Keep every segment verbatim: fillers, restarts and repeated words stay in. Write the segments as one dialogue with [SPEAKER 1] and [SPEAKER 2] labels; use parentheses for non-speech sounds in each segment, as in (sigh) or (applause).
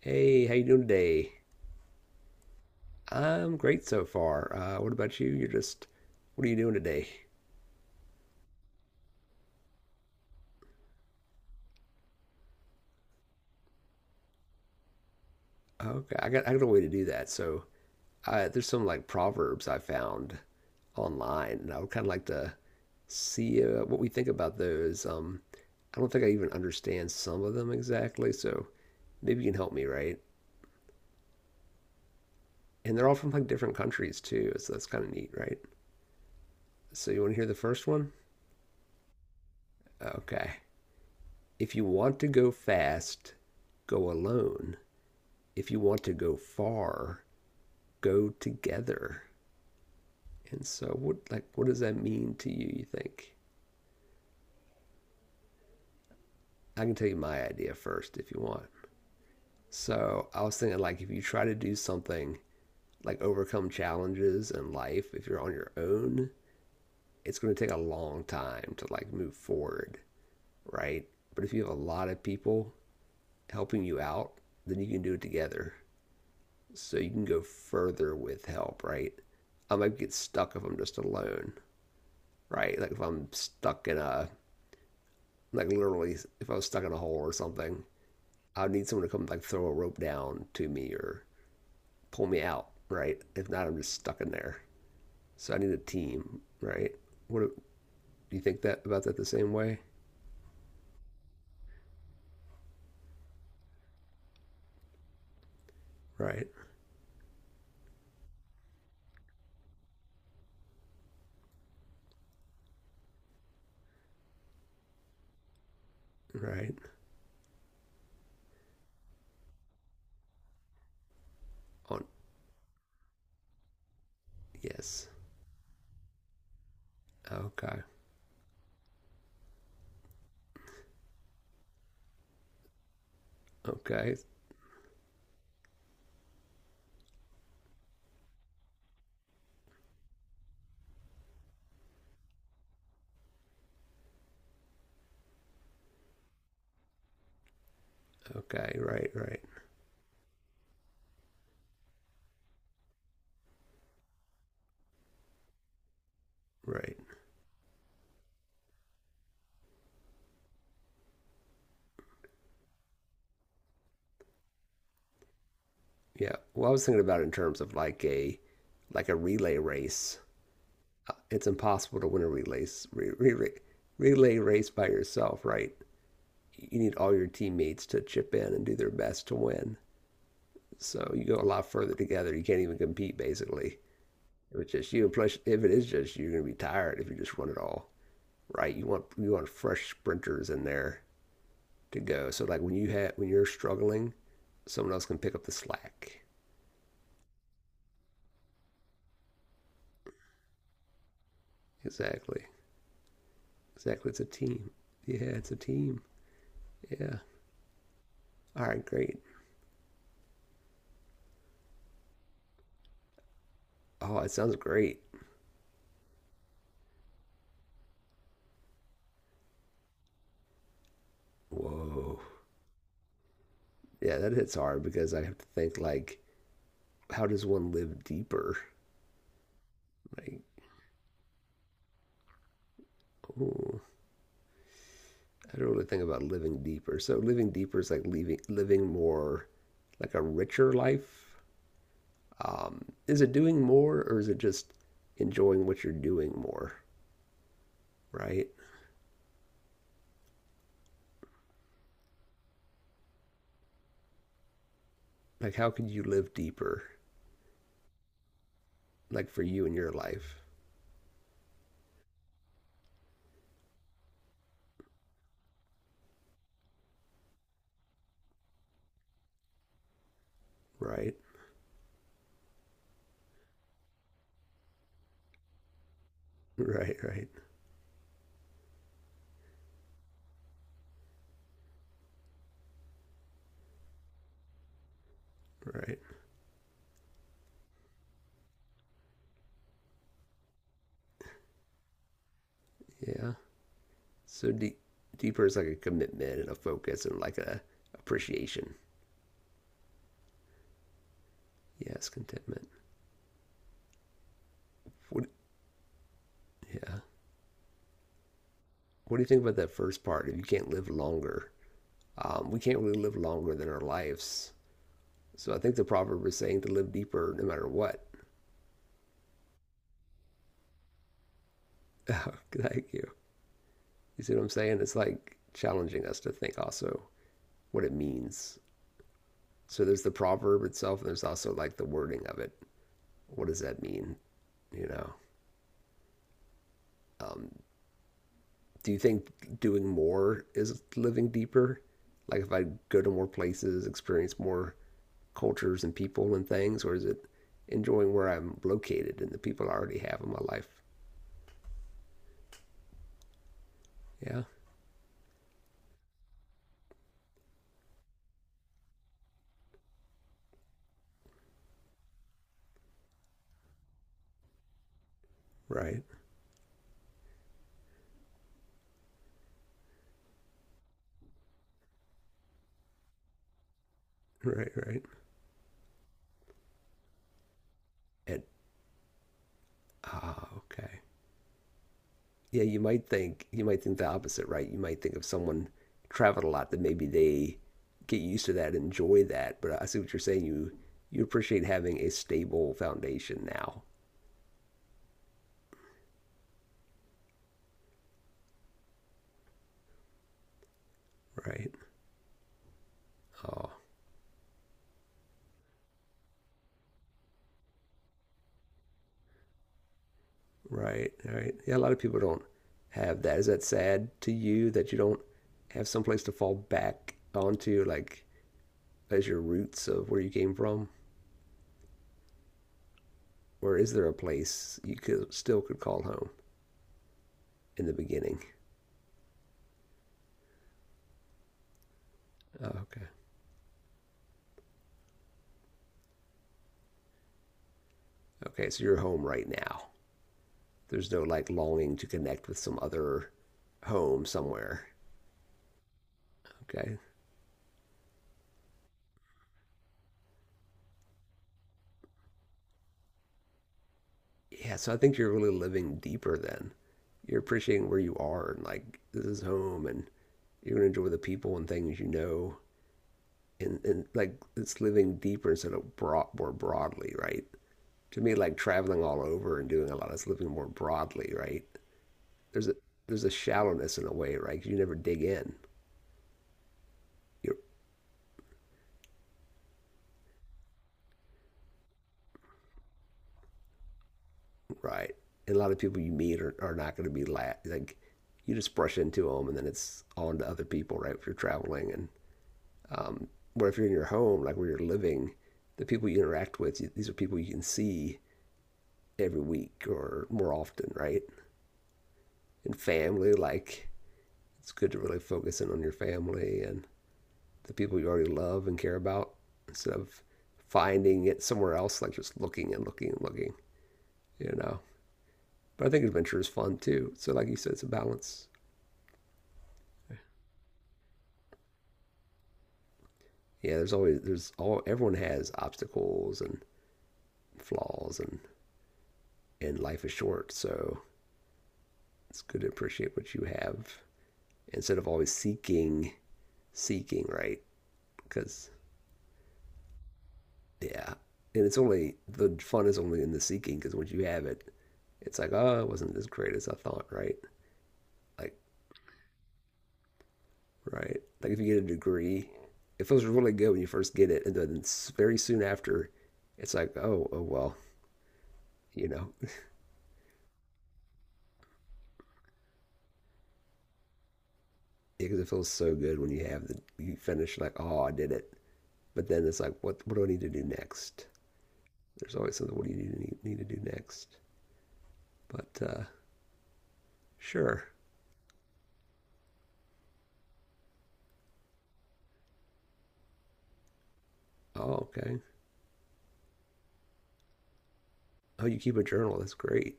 [SPEAKER 1] Hey, how you doing today? I'm great so far. Uh, what about you? You're just, what are you doing today? Okay, I got I got a way to do that. So I, there's some like proverbs I found online, and I would kind of like to see uh, what we think about those. Um, I don't think I even understand some of them exactly, so maybe you can help me, right? And they're all from like different countries too, so that's kind of neat, right? So you want to hear the first one? Okay. If you want to go fast, go alone. If you want to go far, go together. And so, what like what does that mean to you? You think? I can tell you my idea first if you want. So I was thinking like if you try to do something like overcome challenges in life, if you're on your own, it's going to take a long time to like move forward, right? But if you have a lot of people helping you out, then you can do it together. So you can go further with help, right? I might get stuck if I'm just alone. Right? Like if I'm stuck in a like literally if I was stuck in a hole or something, I'd need someone to come like throw a rope down to me or pull me out, right? If not, I'm just stuck in there. So I need a team, right? What do you think that about that the same way? Right, right. On yes. Okay. Okay. Okay. Right. Right. Right. Yeah. Well, I was thinking about it in terms of like a like a relay race. It's impossible to win a relay re, relay race by yourself, right? You need all your teammates to chip in and do their best to win. So you go a lot further together. You can't even compete basically. If it's just you, and plus if it is just you, you're gonna be tired if you just run it all, right? You want you want fresh sprinters in there to go. So like when you have when you're struggling, someone else can pick up the slack. Exactly. Exactly. It's a team. Yeah, it's a team. Yeah. All right, great. Oh, it sounds great. Whoa. Yeah, that hits hard because I have to think like, how does one live deeper? Like, ooh, I don't really think about living deeper. So living deeper is like leaving, living more, like a richer life. Um, is it doing more or is it just enjoying what you're doing more? Right? Like, how could you live deeper? Like for you in your life, right? (laughs) Right, right, right. Yeah. So deep, deeper is like a commitment and a focus and like a appreciation. Yes, contentment. What. Yeah. What do you think about that first part? If you can't live longer, um, we can't really live longer than our lives. So I think the proverb is saying to live deeper no matter what. (laughs) Thank you. You see what I'm saying? It's like challenging us to think also what it means. So there's the proverb itself, and there's also like the wording of it. What does that mean? You know, um, do you think doing more is living deeper? Like if I go to more places, experience more cultures and people and things, or is it enjoying where I'm located and the people I already have in my life? Yeah, right, right, right. And ah, okay. Yeah, you might think you might think the opposite, right? You might think of someone traveled a lot that maybe they get used to that, enjoy that. But I see what you're saying. You you appreciate having a stable foundation now, right? Oh, right, right. Yeah, a lot of people don't have that. Is that sad to you that you don't have someplace to fall back onto, like as your roots of where you came from? Or is there a place you could still could call home in the beginning? Oh, okay. Okay, so you're home right now. There's no like longing to connect with some other home somewhere. Okay. Yeah, so I think you're really living deeper then. You're appreciating where you are and like this is home and you're gonna enjoy the people and things you know and, and like it's living deeper instead of broad, more broadly, right? To me, like traveling all over and doing a lot is living more broadly, right? There's a there's a shallowness in a way, right? 'Cause you never dig in, you're right. And a lot of people you meet are, are not going to be la- like you just brush into them, and then it's on to other people, right? If you're traveling, and um, where if you're in your home, like where you're living, the people you interact with, you, these are people you can see every week or more often, right? And family, like it's good to really focus in on your family and the people you already love and care about instead of finding it somewhere else, like just looking and looking and looking, you know. But I think adventure is fun too. So like you said, it's a balance. Yeah, there's always there's all everyone has obstacles and flaws and and life is short, so it's good to appreciate what you have instead of always seeking seeking, right? Because yeah. And it's only the fun is only in the seeking because once you have it, it's like, oh, it wasn't as great as I thought, right? Like, right? Like if you get a degree, it feels really good when you first get it, and then very soon after, it's like, oh, oh well, you know, because it feels so good when you have the you finish like, oh, I did it. But then it's like, what what do I need to do next? There's always something. What do you need, need to do next? But uh, sure. Oh, okay. Oh, you keep a journal. That's great.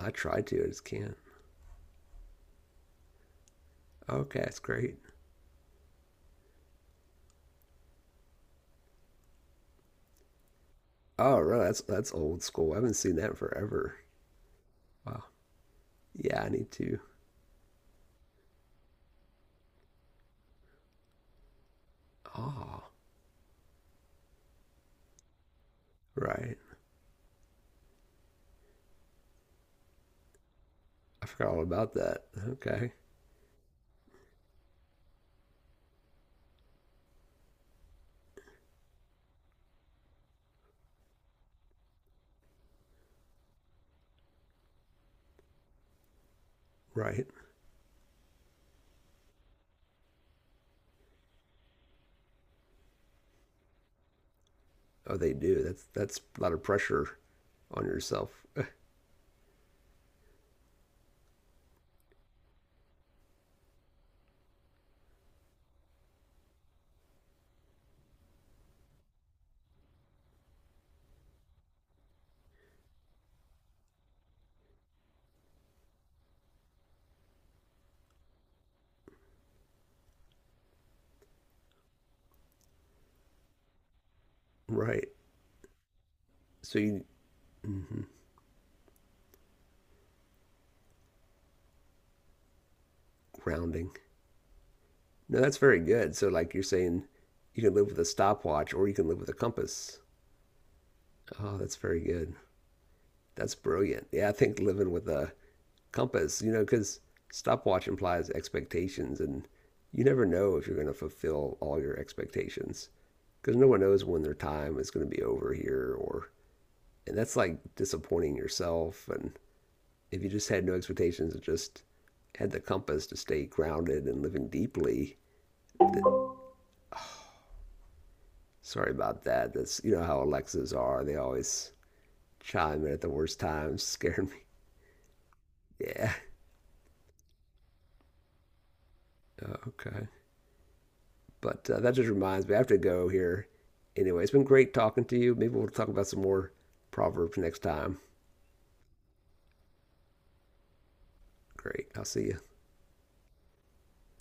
[SPEAKER 1] I try to. I just can't. Okay, that's great. Oh, really? That's that's old school. I haven't seen that in forever. Wow. Yeah, I need to. Oh, right. I forgot all about that. Okay. Right. Oh, they do. That's that's a lot of pressure on yourself. Right. So you grounding. No, that's very good. So like you're saying you can live with a stopwatch or you can live with a compass. Oh, that's very good. That's brilliant. Yeah, I think living with a compass, you know, because stopwatch implies expectations, and you never know if you're going to fulfill all your expectations because no one knows when their time is going to be over here, or and that's like disappointing yourself. And if you just had no expectations and just had the compass to stay grounded and living deeply, sorry about that. That's you know how Alexas are; they always chime in at the worst times, (laughs) scaring me. Yeah. Okay. But uh, that just reminds me, I have to go here. Anyway, it's been great talking to you. Maybe we'll talk about some more proverbs next time. Great. I'll see you.